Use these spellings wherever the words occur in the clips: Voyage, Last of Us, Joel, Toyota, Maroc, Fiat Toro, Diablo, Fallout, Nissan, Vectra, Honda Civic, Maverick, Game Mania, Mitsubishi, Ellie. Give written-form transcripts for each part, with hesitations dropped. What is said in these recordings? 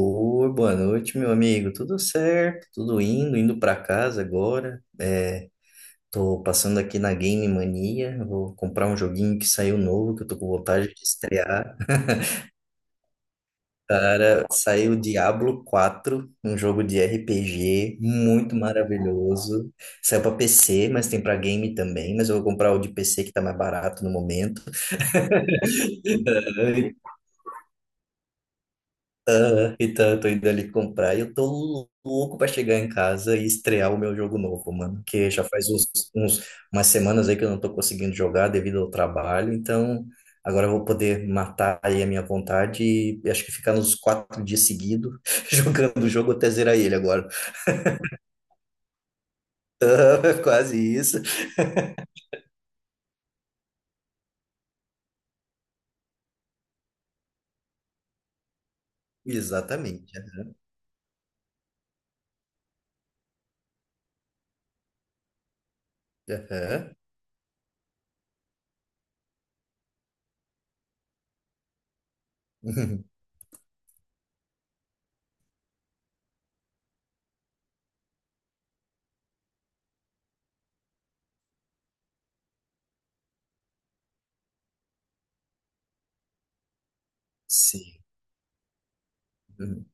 Oi, boa noite, meu amigo. Tudo certo? Tudo indo para casa agora. Tô passando aqui na Game Mania. Vou comprar um joguinho que saiu novo, que eu tô com vontade de estrear. Cara, saiu Diablo quatro, um jogo de RPG muito maravilhoso. Saiu para PC, mas tem para game também, mas eu vou comprar o de PC que tá mais barato no momento. Então, eu tô indo ali comprar e eu tô louco pra chegar em casa e estrear o meu jogo novo, mano. Que já faz umas semanas aí que eu não tô conseguindo jogar devido ao trabalho. Então, agora eu vou poder matar aí a minha vontade e acho que ficar nos quatro dias seguidos jogando o jogo até zerar ele agora. Quase isso. Exatamente. Aham. Sim. Uhum.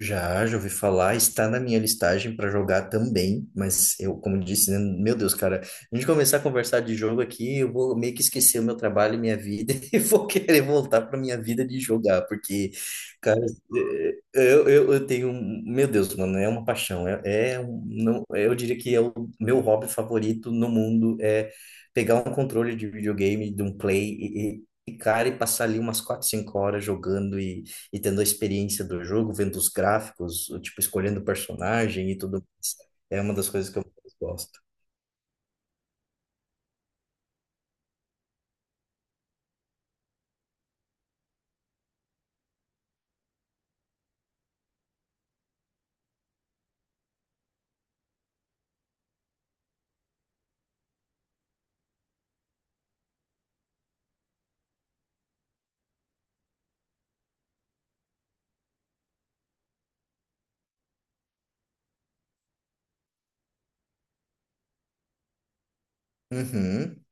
Já, já ouvi falar, está na minha listagem para jogar também, mas eu, como disse, né, meu Deus, cara, a gente começar a conversar de jogo aqui, eu vou meio que esquecer o meu trabalho e minha vida e vou querer voltar para minha vida de jogar, porque, cara, eu tenho, meu Deus, mano, é uma paixão, não, eu diria que é o meu hobby favorito no mundo, é pegar um controle de videogame, de um play e, cara, e passar ali umas 4, 5 horas jogando e tendo a experiência do jogo, vendo os gráficos, o tipo, escolhendo o personagem e tudo mais. É uma das coisas que eu mais gosto. Uhum.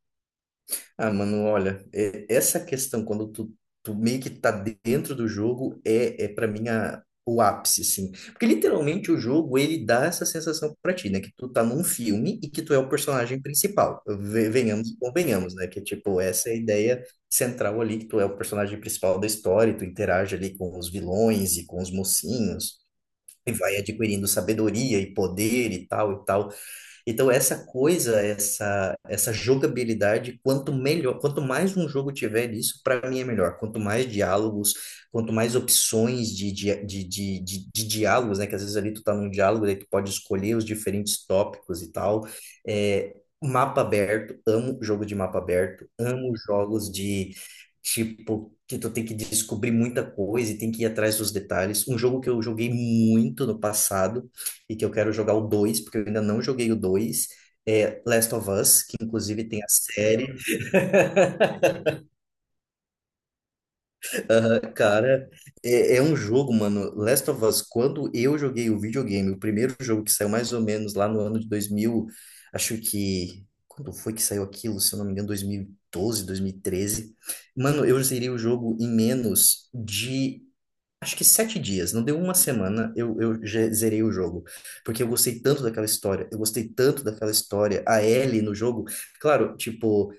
Ah, mano, olha, essa questão, quando tu, tu meio que tá dentro do jogo, é para mim o ápice, assim. Porque literalmente o jogo, ele dá essa sensação pra ti, né? Que tu tá num filme e que tu é o personagem principal. Venhamos e convenhamos, né? Que, tipo, essa é a ideia central ali, que tu é o personagem principal da história, e tu interage ali com os vilões e com os mocinhos. E vai adquirindo sabedoria e poder e tal e tal. Então, essa jogabilidade, quanto melhor, quanto mais um jogo tiver isso, para mim é melhor. Quanto mais diálogos, quanto mais opções de diálogos, né? Que às vezes ali tu tá num diálogo, daí tu pode escolher os diferentes tópicos e tal. É, mapa aberto, amo jogo de mapa aberto, amo jogos de tipo que tu tem que descobrir muita coisa e tem que ir atrás dos detalhes. Um jogo que eu joguei muito no passado e que eu quero jogar o 2 porque eu ainda não joguei o 2 é Last of Us, que inclusive tem a série. Aham, cara, é um jogo, mano. Last of Us, quando eu joguei o videogame, o primeiro jogo que saiu mais ou menos lá no ano de dois mil, acho que. Quando foi que saiu aquilo? Se eu não me engano, 2012, treze. Mano, eu zerei o jogo em menos de, acho que, 7 dias, não deu uma semana, eu já zerei o jogo. Porque eu gostei tanto daquela história, eu gostei tanto daquela história, a Ellie no jogo. Claro, tipo.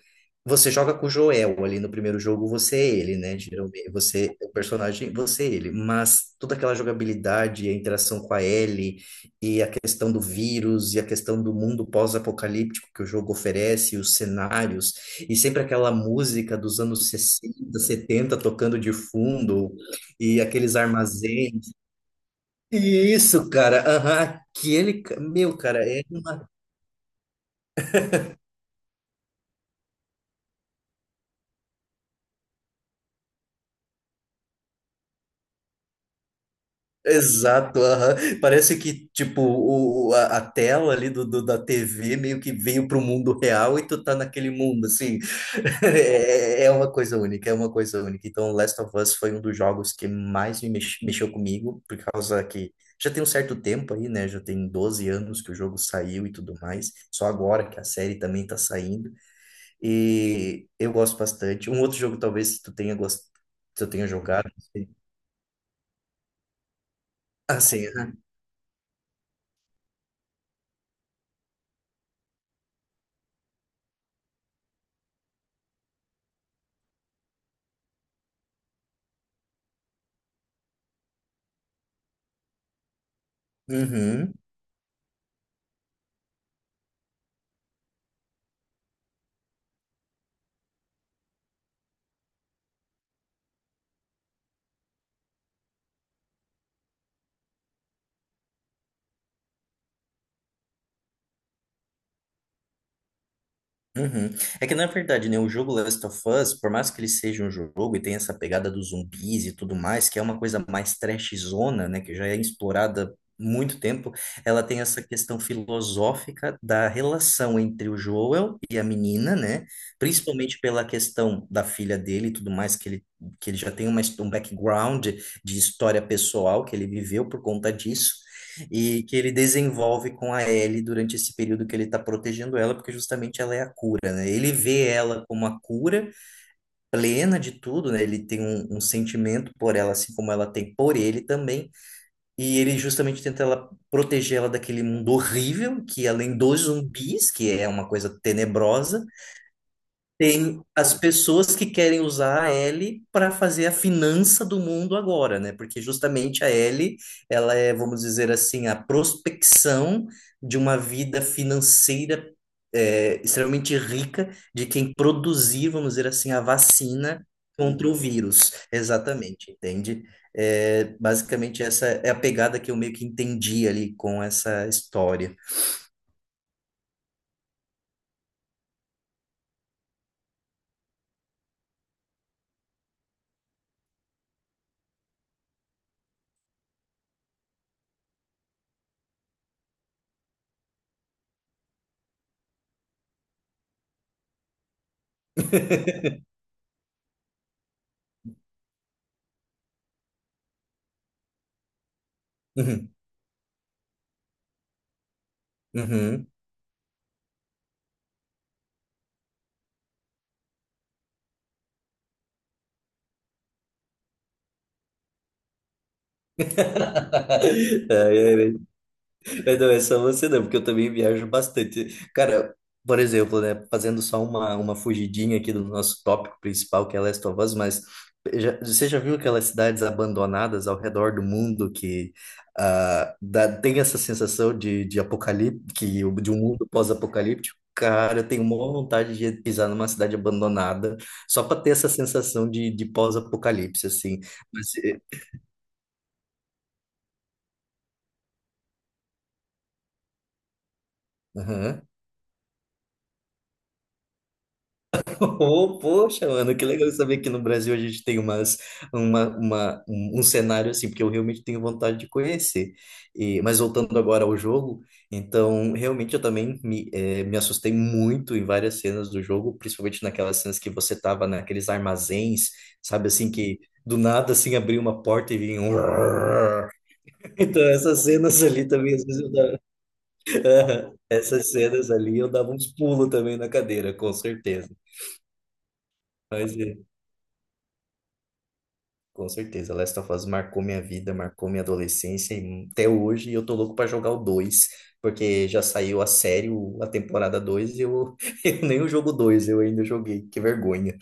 Você joga com o Joel ali no primeiro jogo, você é ele, né? Geralmente, você é o personagem, você é ele. Mas toda aquela jogabilidade, a interação com a Ellie, e a questão do vírus, e a questão do mundo pós-apocalíptico que o jogo oferece, os cenários, e sempre aquela música dos anos 60 70 tocando de fundo, e aqueles armazéns. Isso, cara, aham, aquele. Ca- Meu, cara, é. Uma Exato, aham. Parece que, tipo, a tela ali da TV meio que veio pro mundo real e tu tá naquele mundo, assim. É, é uma coisa única, é uma coisa única. Então, Last of Us foi um dos jogos que mais mexeu comigo, por causa que já tem um certo tempo aí, né? Já tem 12 anos que o jogo saiu e tudo mais. Só agora que a série também tá saindo. E eu gosto bastante. Um outro jogo, talvez, que tu tenha gostado, que eu tenha jogado. Não sei. Ah, sim. Uhum. Uhum. É que na verdade, né, o jogo Last of Us, por mais que ele seja um jogo e tenha essa pegada dos zumbis e tudo mais, que é uma coisa mais trashzona, né, que já é explorada há muito tempo, ela tem essa questão filosófica da relação entre o Joel e a menina, né, principalmente pela questão da filha dele e tudo mais, que ele já tem um background de história pessoal que ele viveu por conta disso e que ele desenvolve com a Ellie durante esse período que ele está protegendo ela, porque justamente ela é a cura, né? Ele vê ela como a cura plena de tudo, né? Ele tem um sentimento por ela, assim como ela tem por ele também, e ele justamente tenta ela proteger ela daquele mundo horrível, que além dos zumbis, que é uma coisa tenebrosa, tem as pessoas que querem usar a L para fazer a finança do mundo agora, né? Porque justamente a L, ela é, vamos dizer assim, a prospecção de uma vida financeira, extremamente rica de quem produzir, vamos dizer assim, a vacina contra o vírus. Exatamente, entende? É, basicamente, essa é a pegada que eu meio que entendi ali com essa história. Uhum, uhum. É, é, Não, essa você não, porque eu também viajo bastante. Cara, por exemplo, né, fazendo só uma fugidinha aqui do nosso tópico principal, que é Last of Us, mas você já viu aquelas cidades abandonadas ao redor do mundo que tem essa sensação de apocalipse, que, de um mundo pós-apocalíptico? Cara, eu tenho uma vontade de pisar numa cidade abandonada só para ter essa sensação de pós-apocalipse, assim. Mas, ô, poxa, mano, que legal saber que no Brasil a gente tem umas, uma, um cenário assim, porque eu realmente tenho vontade de conhecer. E, mas voltando agora ao jogo, então realmente eu também me assustei muito em várias cenas do jogo, principalmente naquelas cenas que você tava naqueles armazéns, sabe assim, que do nada assim abriu uma porta e vinha um. Então essas cenas ali também, às vezes essas cenas ali eu dava uns pulos também na cadeira, com certeza. Mas, é. Com certeza, Last of Us marcou minha vida, marcou minha adolescência e até hoje eu tô louco pra jogar o 2, porque já saiu a série, a temporada 2 e eu, eu nem o jogo 2 eu ainda joguei, que vergonha.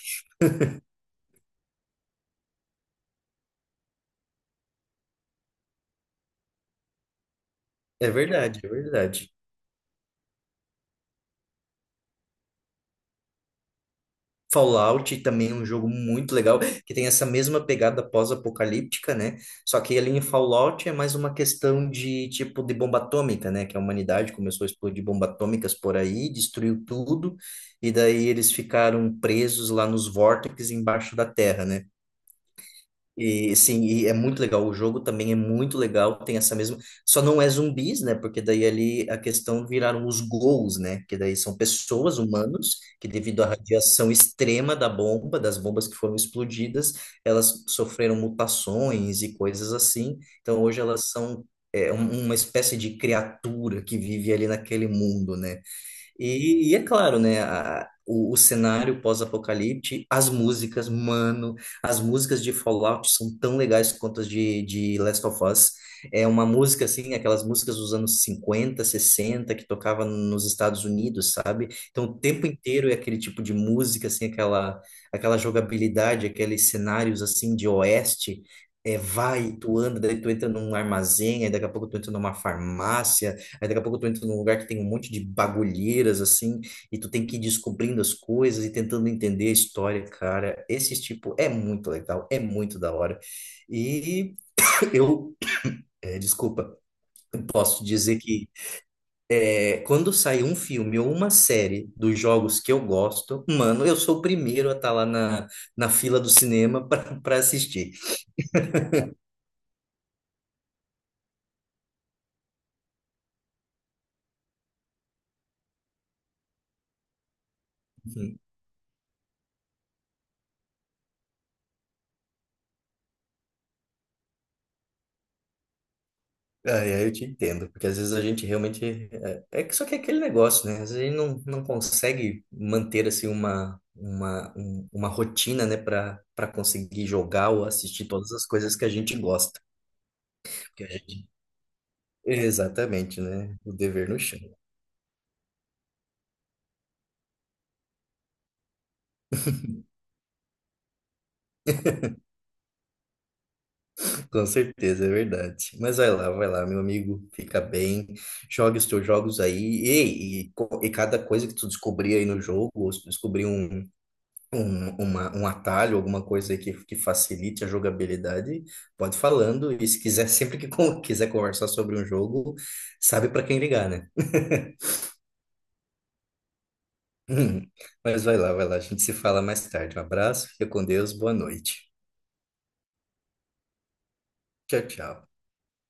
É verdade, é verdade. Fallout também é um jogo muito legal, que tem essa mesma pegada pós-apocalíptica, né? Só que ali em Fallout é mais uma questão de tipo de bomba atômica, né? Que a humanidade começou a explodir bombas atômicas por aí, destruiu tudo, e daí eles ficaram presos lá nos vórtices embaixo da terra, né? E sim, e é muito legal. O jogo também é muito legal. Tem essa mesma. Só não é zumbis, né? Porque daí ali a questão viraram os ghouls, né? Que daí são pessoas, humanos, que devido à radiação extrema da bomba, das bombas que foram explodidas, elas sofreram mutações e coisas assim. Então hoje elas são uma espécie de criatura que vive ali naquele mundo, né? E é claro, né? O cenário pós-apocalipse, as músicas, mano, as músicas de Fallout são tão legais quanto as de Last of Us. É uma música, assim, aquelas músicas dos anos 50 60 que tocava nos Estados Unidos, sabe? Então, o tempo inteiro é aquele tipo de música, assim, aquela jogabilidade, aqueles cenários, assim, de oeste. É, vai, tu anda, daí tu entra num armazém, aí daqui a pouco tu entra numa farmácia, aí daqui a pouco tu entra num lugar que tem um monte de bagulheiras, assim, e tu tem que ir descobrindo as coisas e tentando entender a história, cara. Esse tipo é muito legal, é muito da hora. E eu, eh, Desculpa, posso dizer que, quando sai um filme ou uma série dos jogos que eu gosto, mano, eu sou o primeiro a estar lá na fila do cinema para assistir. Ah, é, eu te entendo, porque às vezes a gente realmente. É que só que é aquele negócio, né? Às vezes a gente não consegue manter assim uma rotina, né, para para conseguir jogar ou assistir todas as coisas que a gente gosta. Porque a gente... Exatamente, né? O dever no chão. Com certeza, é verdade. Mas vai lá, meu amigo, fica bem, jogue os teus jogos aí. E e cada coisa que tu descobrir aí no jogo, ou se tu descobrir um atalho, alguma coisa aí que facilite a jogabilidade, pode ir falando. E se quiser, sempre que quiser conversar sobre um jogo, sabe para quem ligar, né? Mas vai lá, a gente se fala mais tarde. Um abraço, fica com Deus, boa noite. Tchau, tchau.